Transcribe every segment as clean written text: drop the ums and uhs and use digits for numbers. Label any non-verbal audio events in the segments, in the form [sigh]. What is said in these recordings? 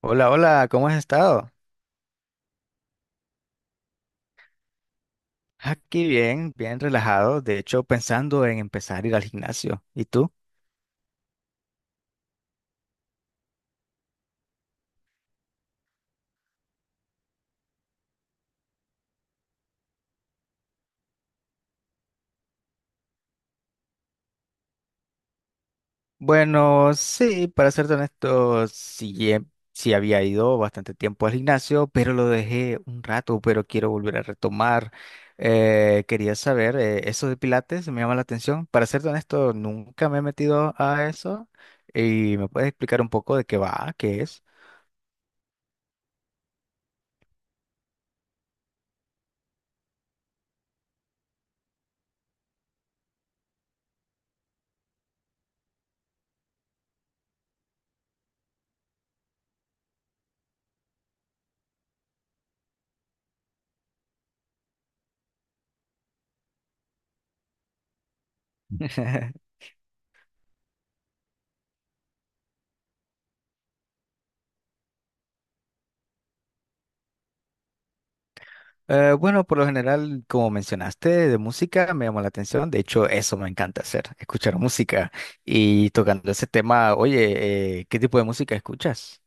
Hola, hola, ¿cómo has estado? Aquí bien, bien relajado, de hecho pensando en empezar a ir al gimnasio. ¿Y tú? Bueno, sí, para serte honesto, sí, sí había ido bastante tiempo al gimnasio, pero lo dejé un rato, pero quiero volver a retomar. Quería saber, eso de Pilates me llama la atención. Para serte honesto, nunca me he metido a eso. ¿Y me puedes explicar un poco de qué va, qué es? [laughs] Bueno, por lo general, como mencionaste, de música me llamó la atención. De hecho, eso me encanta hacer, escuchar música. Y tocando ese tema, oye, ¿qué tipo de música escuchas?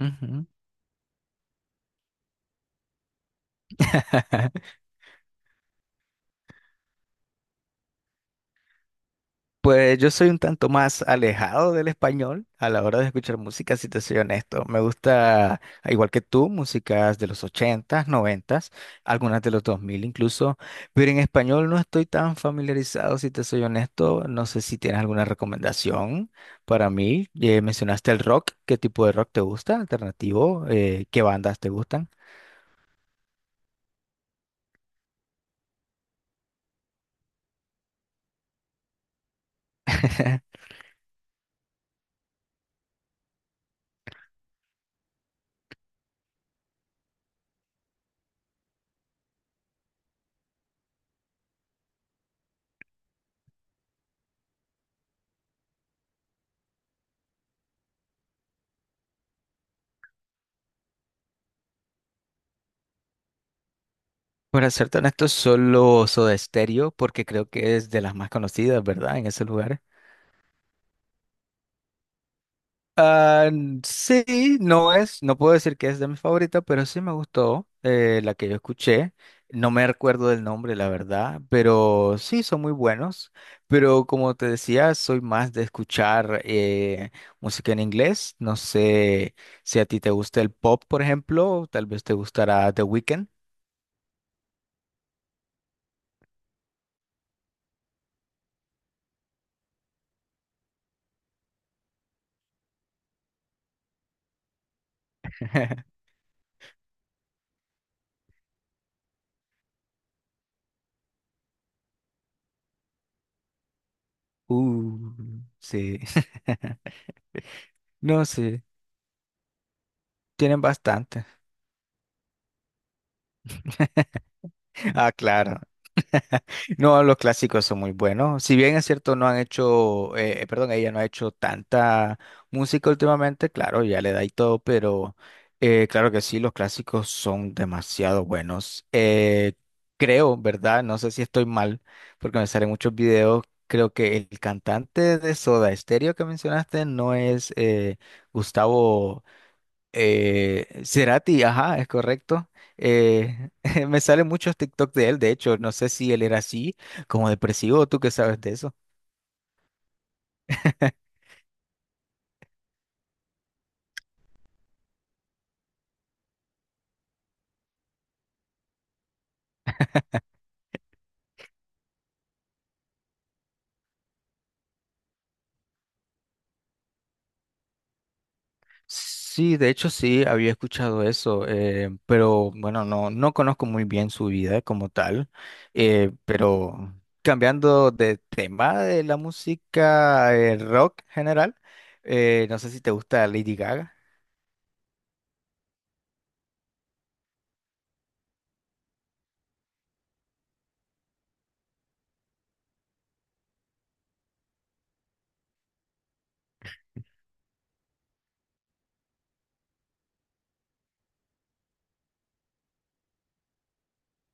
Ujú. [laughs] Pues yo soy un tanto más alejado del español a la hora de escuchar música, si te soy honesto. Me gusta, al igual que tú, músicas de los ochentas, noventas, algunas de los 2000, incluso, pero en español no estoy tan familiarizado, si te soy honesto. No sé si tienes alguna recomendación para mí. Mencionaste el rock, ¿qué tipo de rock te gusta? ¿Alternativo? ¿Qué bandas te gustan? [laughs] Para ser honesto, solo Soda Stereo, porque creo que es de las más conocidas, ¿verdad? En ese lugar. Ah, sí, no es, no puedo decir que es de mi favorita, pero sí me gustó la que yo escuché. No me recuerdo del nombre, la verdad, pero sí son muy buenos. Pero como te decía, soy más de escuchar música en inglés. No sé si a ti te gusta el pop, por ejemplo, tal vez te gustará The Weeknd. [laughs] Uh, sí. [laughs] No, sí, tienen bastante. Ah, claro. [laughs] No, los clásicos son muy buenos. Si bien es cierto, no han hecho, perdón, ella no ha hecho tanta música últimamente, claro, ya le da y todo, pero claro que sí, los clásicos son demasiado buenos. Creo, ¿verdad? No sé si estoy mal, porque me salen muchos videos. Creo que el cantante de Soda Stereo que mencionaste no es Gustavo. Cerati, ajá, es correcto. Eh, [laughs] me salen muchos TikTok de él, de hecho, no sé si él era así, como depresivo, ¿tú qué sabes de eso? [laughs] Sí, de hecho sí, había escuchado eso, pero bueno, no, no conozco muy bien su vida como tal, pero cambiando de tema de la música rock general, no sé si te gusta Lady Gaga.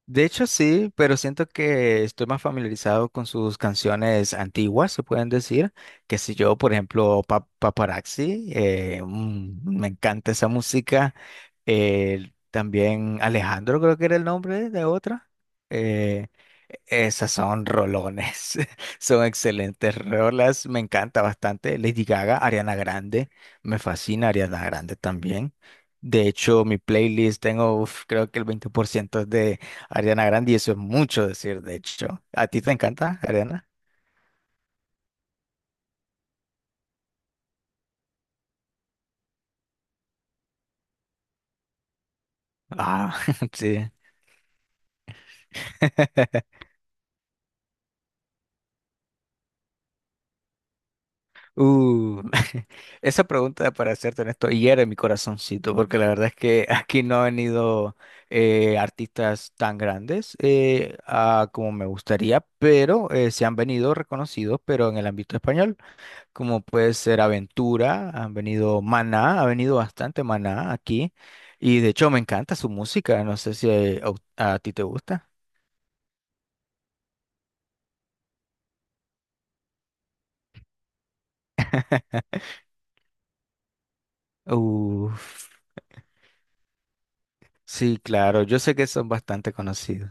De hecho sí, pero siento que estoy más familiarizado con sus canciones antiguas, se pueden decir, que si yo, por ejemplo, Paparazzi, me encanta esa música. También Alejandro creo que era el nombre de otra. Eh, e-, esas son rolones, [laughs] son excelentes rolas, me encanta bastante. Lady Gaga, Ariana Grande, me fascina Ariana Grande también. De hecho, mi playlist tengo, uf, creo que el 20% Ariana Grande, y eso es mucho decir, de hecho. ¿A ti te encanta, Ariana? Ah, [laughs] sí. [laughs] Uh, [laughs] esa pregunta para hacerte honesto hiere mi corazoncito, porque la verdad es que [laughs] aquí no han venido artistas tan grandes como me gustaría, pero se han venido reconocidos, pero en el ámbito español, como puede ser Aventura, han venido Maná, ha venido bastante Maná aquí, y de hecho me encanta su música, no sé si a ti te gusta. Uf, sí, claro, yo sé que son bastante conocidos.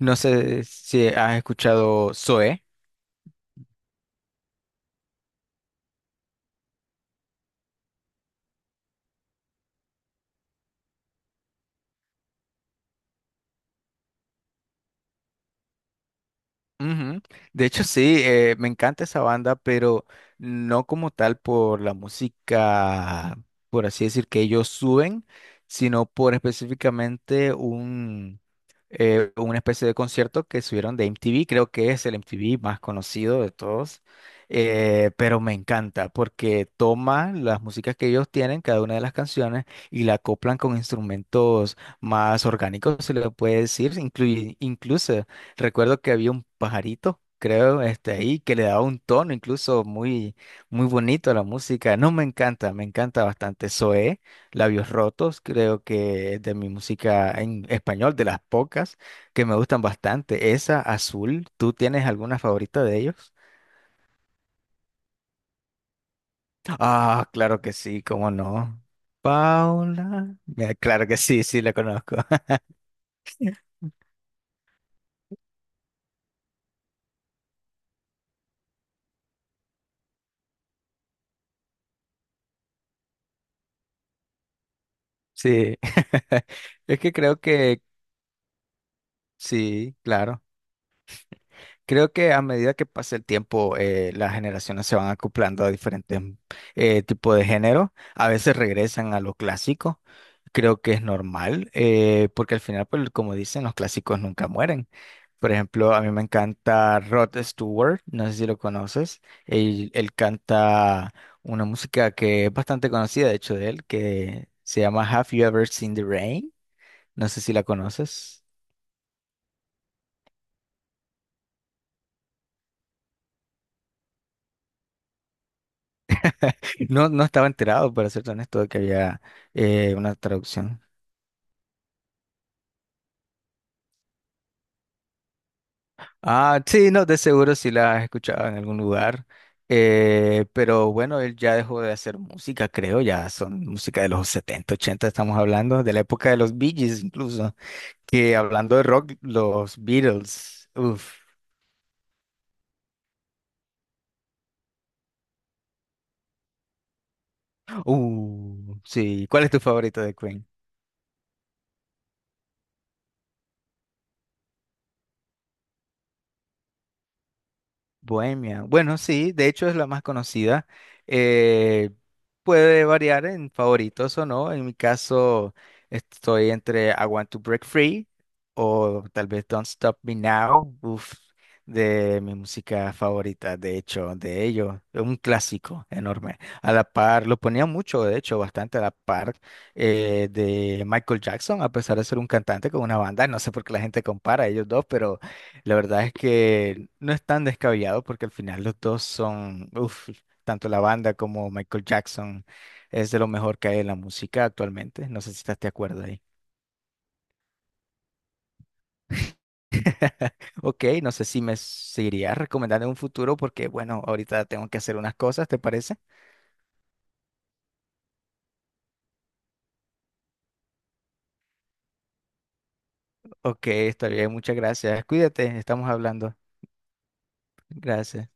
No sé si has escuchado Zoé. Ujú. De hecho, sí, me encanta esa banda, pero no como tal por la música, por así decir, que ellos suben, sino por específicamente un, una especie de concierto que subieron de MTV, creo que es el MTV más conocido de todos, pero me encanta porque toma las músicas que ellos tienen, cada una de las canciones, y la acoplan con instrumentos más orgánicos, se le puede decir, incluye, incluso recuerdo que había un pajarito, creo, este ahí, que le daba un tono incluso muy, muy bonito a la música. No, me encanta bastante. Zoé, Labios Rotos, creo que es de mi música en español, de las pocas que me gustan bastante. Esa, Azul, ¿tú tienes alguna favorita de ellos? Ah, claro que sí, cómo no. Paula, mira, claro que sí, sí, la conozco. [laughs] Sí, [laughs] es que creo que sí, claro. Creo que a medida que pasa el tiempo, las generaciones se van acoplando a diferentes tipos de género. A veces regresan a lo clásico. Creo que es normal, porque al final, pues, como dicen, los clásicos nunca mueren. Por ejemplo, a mí me encanta Rod Stewart, no sé si lo conoces. Él canta una música que es bastante conocida, de hecho, de él, que se llama Have You Ever Seen the Rain? No sé si la conoces. No, no estaba enterado, para ser honesto, de que había una traducción. Ah, sí, no, de seguro sí la has escuchado en algún lugar. Pero bueno, él ya dejó de hacer música, creo, ya son música de los 70 80 estamos hablando, de la época de los Bee Gees incluso. Que hablando de rock, los Beatles. Uf. Sí. ¿Cuál es tu favorito de Bohemia? Bueno, sí, de hecho es la más conocida. Eh, puede variar en favoritos o no. En mi caso, estoy entre I Want to Break Free o tal vez Don't Stop Me Now, uf, de mi música favorita, de hecho, de ellos. Es un clásico enorme. A la par, lo ponía mucho, de hecho, bastante a la par de Michael Jackson, a pesar de ser un cantante con una banda. No sé por qué la gente compara a ellos dos, pero la verdad es que no es tan descabellado porque al final los dos son, uff, tanto la banda como Michael Jackson es de lo mejor que hay en la música actualmente. No sé si estás de acuerdo ahí. [laughs] Ok, no sé si me seguirías recomendando en un futuro porque, bueno, ahorita tengo que hacer unas cosas, ¿te parece? Ok, está bien, muchas gracias. Cuídate, estamos hablando. Gracias.